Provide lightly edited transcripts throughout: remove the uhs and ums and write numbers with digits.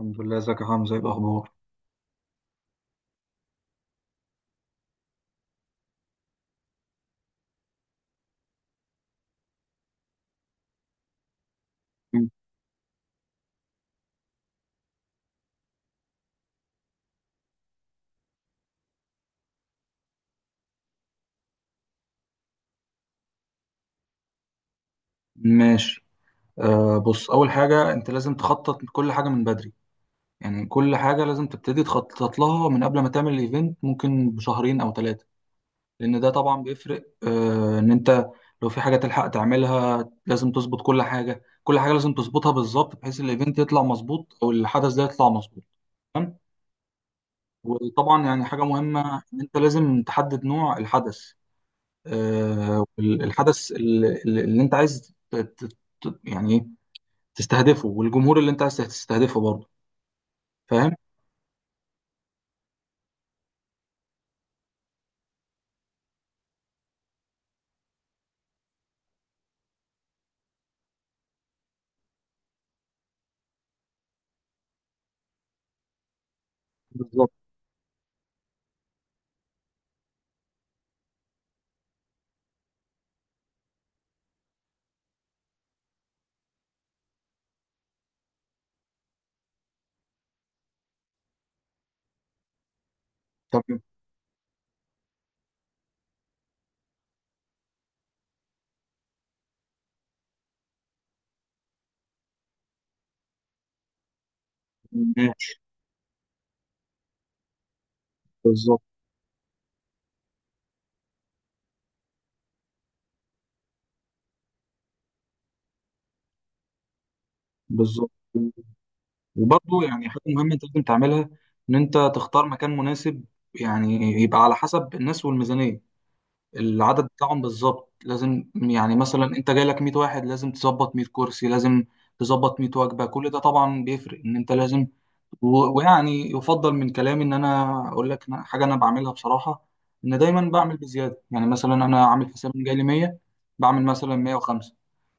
الحمد لله، ازيك يا حمزة؟ ايه الاخبار؟ مم. ماشي. بص، اول حاجه انت لازم تخطط كل حاجه من بدري. يعني كل حاجه لازم تبتدي تخطط لها من قبل ما تعمل الايفنت، ممكن بشهرين او ثلاثه. لان ده طبعا بيفرق، ان انت لو في حاجه تلحق تعملها، لازم تظبط كل حاجه، كل حاجه لازم تظبطها بالظبط، بحيث الايفنت يطلع مظبوط او الحدث ده يطلع مظبوط. تمام. وطبعا يعني حاجه مهمه، ان انت لازم تحدد نوع الحدث. الحدث اللي انت عايز يعني ايه تستهدفه، والجمهور اللي انت عايز تستهدفه برضه. فاهم؟ بالظبط. تمام. ماشي. بالظبط. بالظبط. وبرضه يعني حاجه مهمه انت لازم تعملها، ان انت تختار مكان مناسب. يعني، يبقى على حسب الناس والميزانيه، العدد بتاعهم بالظبط. لازم يعني مثلا انت جاي لك 100 واحد، لازم تظبط 100 كرسي، لازم تظبط 100 وجبه. كل ده طبعا بيفرق ان انت لازم. ويعني يفضل من كلامي ان انا اقول لك، حاجه انا بعملها بصراحه. ان دايما بعمل بزياده، يعني مثلا انا عامل حساب ان جاي لي 100، بعمل مثلا 105،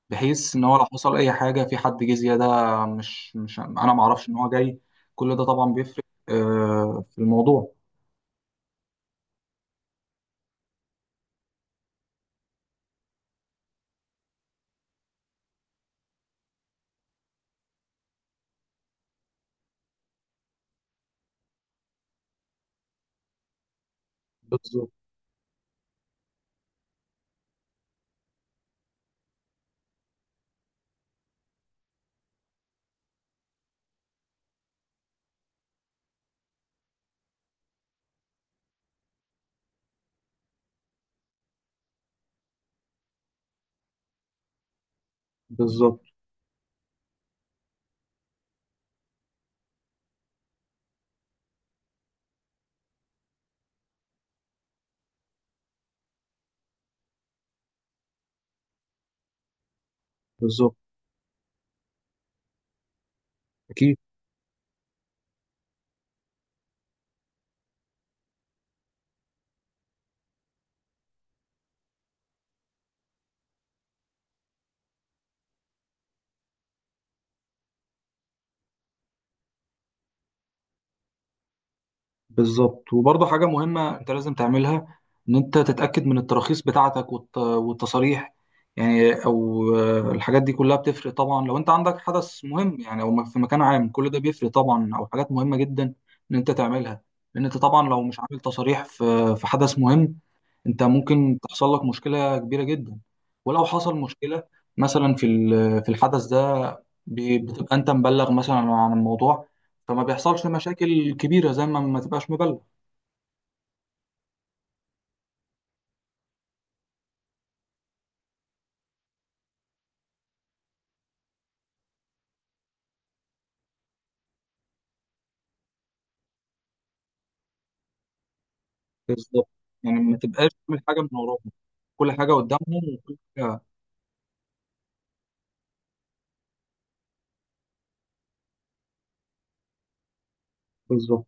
بحيث ان هو لو حصل اي حاجه في حد جه زياده، مش انا ما اعرفش ان هو جاي. كل ده طبعا بيفرق في الموضوع. بالظبط. بالظبط. بالظبط. اكيد. بالظبط. وبرضه حاجة مهمة انت لازم تعملها، ان انت تتأكد من التراخيص بتاعتك والتصاريح. يعني او الحاجات دي كلها بتفرق طبعا لو انت عندك حدث مهم، يعني او في مكان عام، كل ده بيفرق طبعا، او حاجات مهمة جدا ان انت تعملها. لان انت طبعا لو مش عامل تصاريح في حدث مهم، انت ممكن تحصل لك مشكله كبيره جدا. ولو حصل مشكله، مثلا في الحدث ده، بتبقى انت مبلغ مثلا عن الموضوع، فما بيحصلش مشاكل كبيره زي ما تبقاش مبلغ. بالظبط. يعني ما تبقاش تعمل حاجه من وراهم، كل حاجه قدامهم وكل حاجه. بالظبط.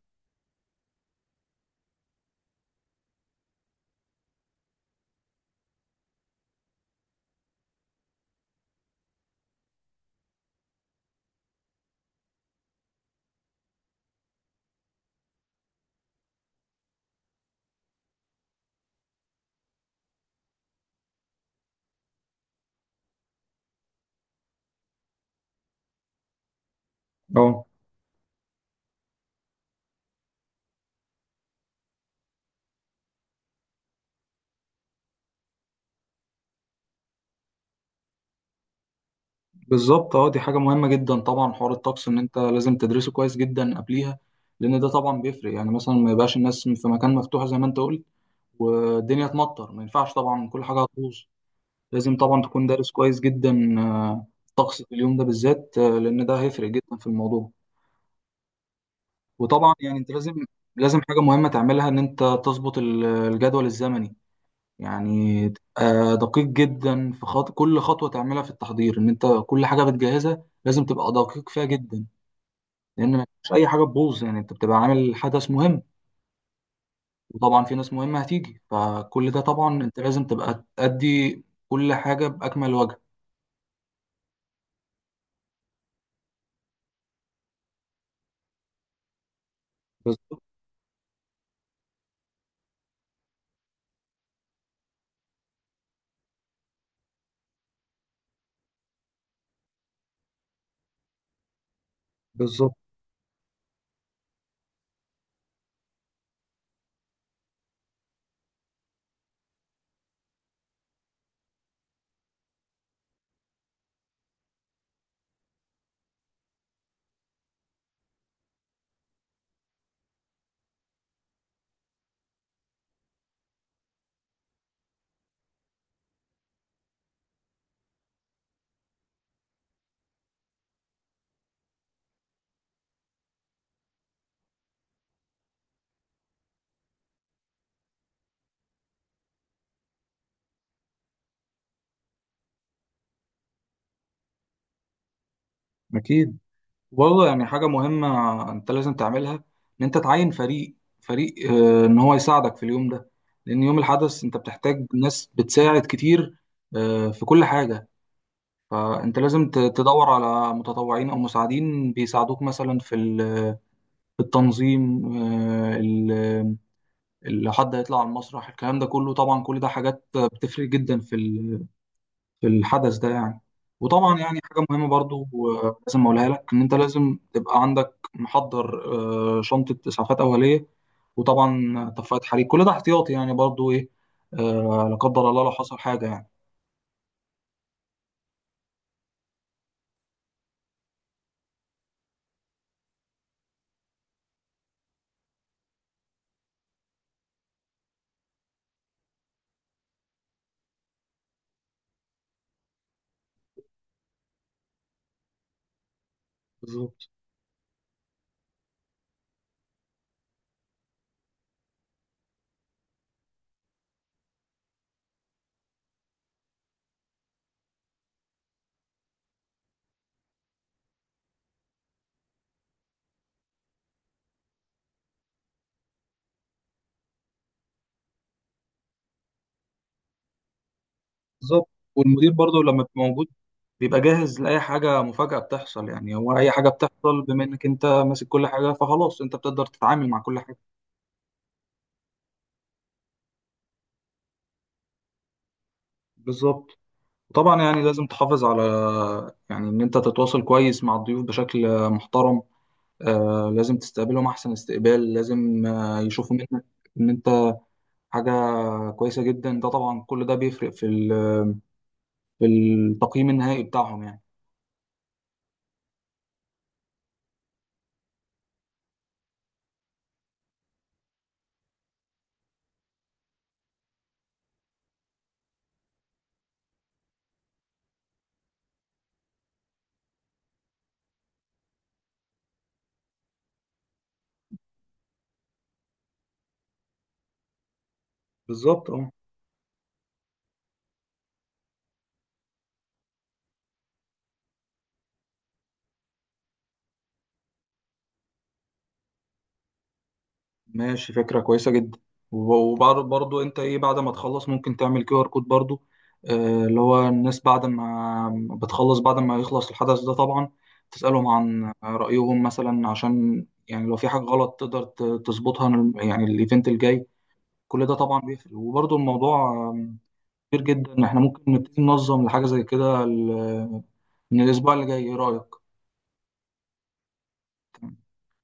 اه. بالظبط. اه، دي حاجه مهمه جدا طبعا، حوار الطقس ان انت لازم تدرسه كويس جدا قبليها. لان ده طبعا بيفرق، يعني مثلا ما يبقاش الناس في مكان مفتوح زي ما انت قلت والدنيا تمطر، ما ينفعش طبعا، كل حاجه هتبوظ. لازم طبعا تكون دارس كويس جدا طقس في اليوم ده بالذات، لان ده هيفرق جدا في الموضوع. وطبعا يعني انت لازم حاجه مهمه تعملها، ان انت تظبط الجدول الزمني. يعني تبقى دقيق جدا في كل خطوه تعملها في التحضير، ان انت كل حاجه بتجهزها لازم تبقى دقيق فيها جدا. لان ما فيش اي حاجه تبوظ، يعني انت بتبقى عامل حدث مهم، وطبعا في ناس مهمه هتيجي، فكل ده طبعا انت لازم تبقى تأدي كل حاجه باكمل وجه. بالظبط. بالظبط. أكيد. وبرضه يعني حاجة مهمة أنت لازم تعملها، إن أنت تعين فريق إن هو يساعدك في اليوم ده. لأن يوم الحدث أنت بتحتاج ناس بتساعد كتير في كل حاجة. فأنت لازم تدور على متطوعين أو مساعدين بيساعدوك، مثلا في التنظيم، لو حد هيطلع على المسرح، الكلام ده كله طبعا، كل ده حاجات بتفرق جدا في الحدث ده يعني. وطبعا يعني حاجة مهمة برضو، لازم أقولها لك، إن أنت لازم تبقى عندك محضر، شنطة إسعافات أولية، وطبعا طفاية حريق، كل ده احتياطي يعني برضو إيه، لا قدر الله لو حصل حاجة يعني. بالظبط. بالظبط. والمدير برضو لما بيبقى موجود، بيبقى جاهز لأي حاجة مفاجأة بتحصل، يعني هو أي حاجة بتحصل بما إنك أنت ماسك كل حاجة، فخلاص أنت بتقدر تتعامل مع كل حاجة. بالظبط. طبعا يعني لازم تحافظ على، يعني إن أنت تتواصل كويس مع الضيوف بشكل محترم. لازم تستقبلهم أحسن استقبال، لازم يشوفوا منك إن أنت حاجة كويسة جدا، ده طبعا كل ده بيفرق في التقييم النهائي بتاعهم يعني. بالظبط. اه. ماشي، فكرة كويسة جدا. وبعد برضو أنت إيه، بعد ما تخلص ممكن تعمل كيو آر كود برضو. اللي هو الناس بعد ما يخلص الحدث ده طبعا، تسألهم عن رأيهم مثلا، عشان يعني لو في حاجة غلط تقدر تظبطها، يعني الإيفنت الجاي. كل ده طبعا بيفرق، وبرضو الموضوع كتير جدا. احنا ممكن نبتدي ننظم لحاجة زي كده من الأسبوع اللي جاي. ايه رأيك؟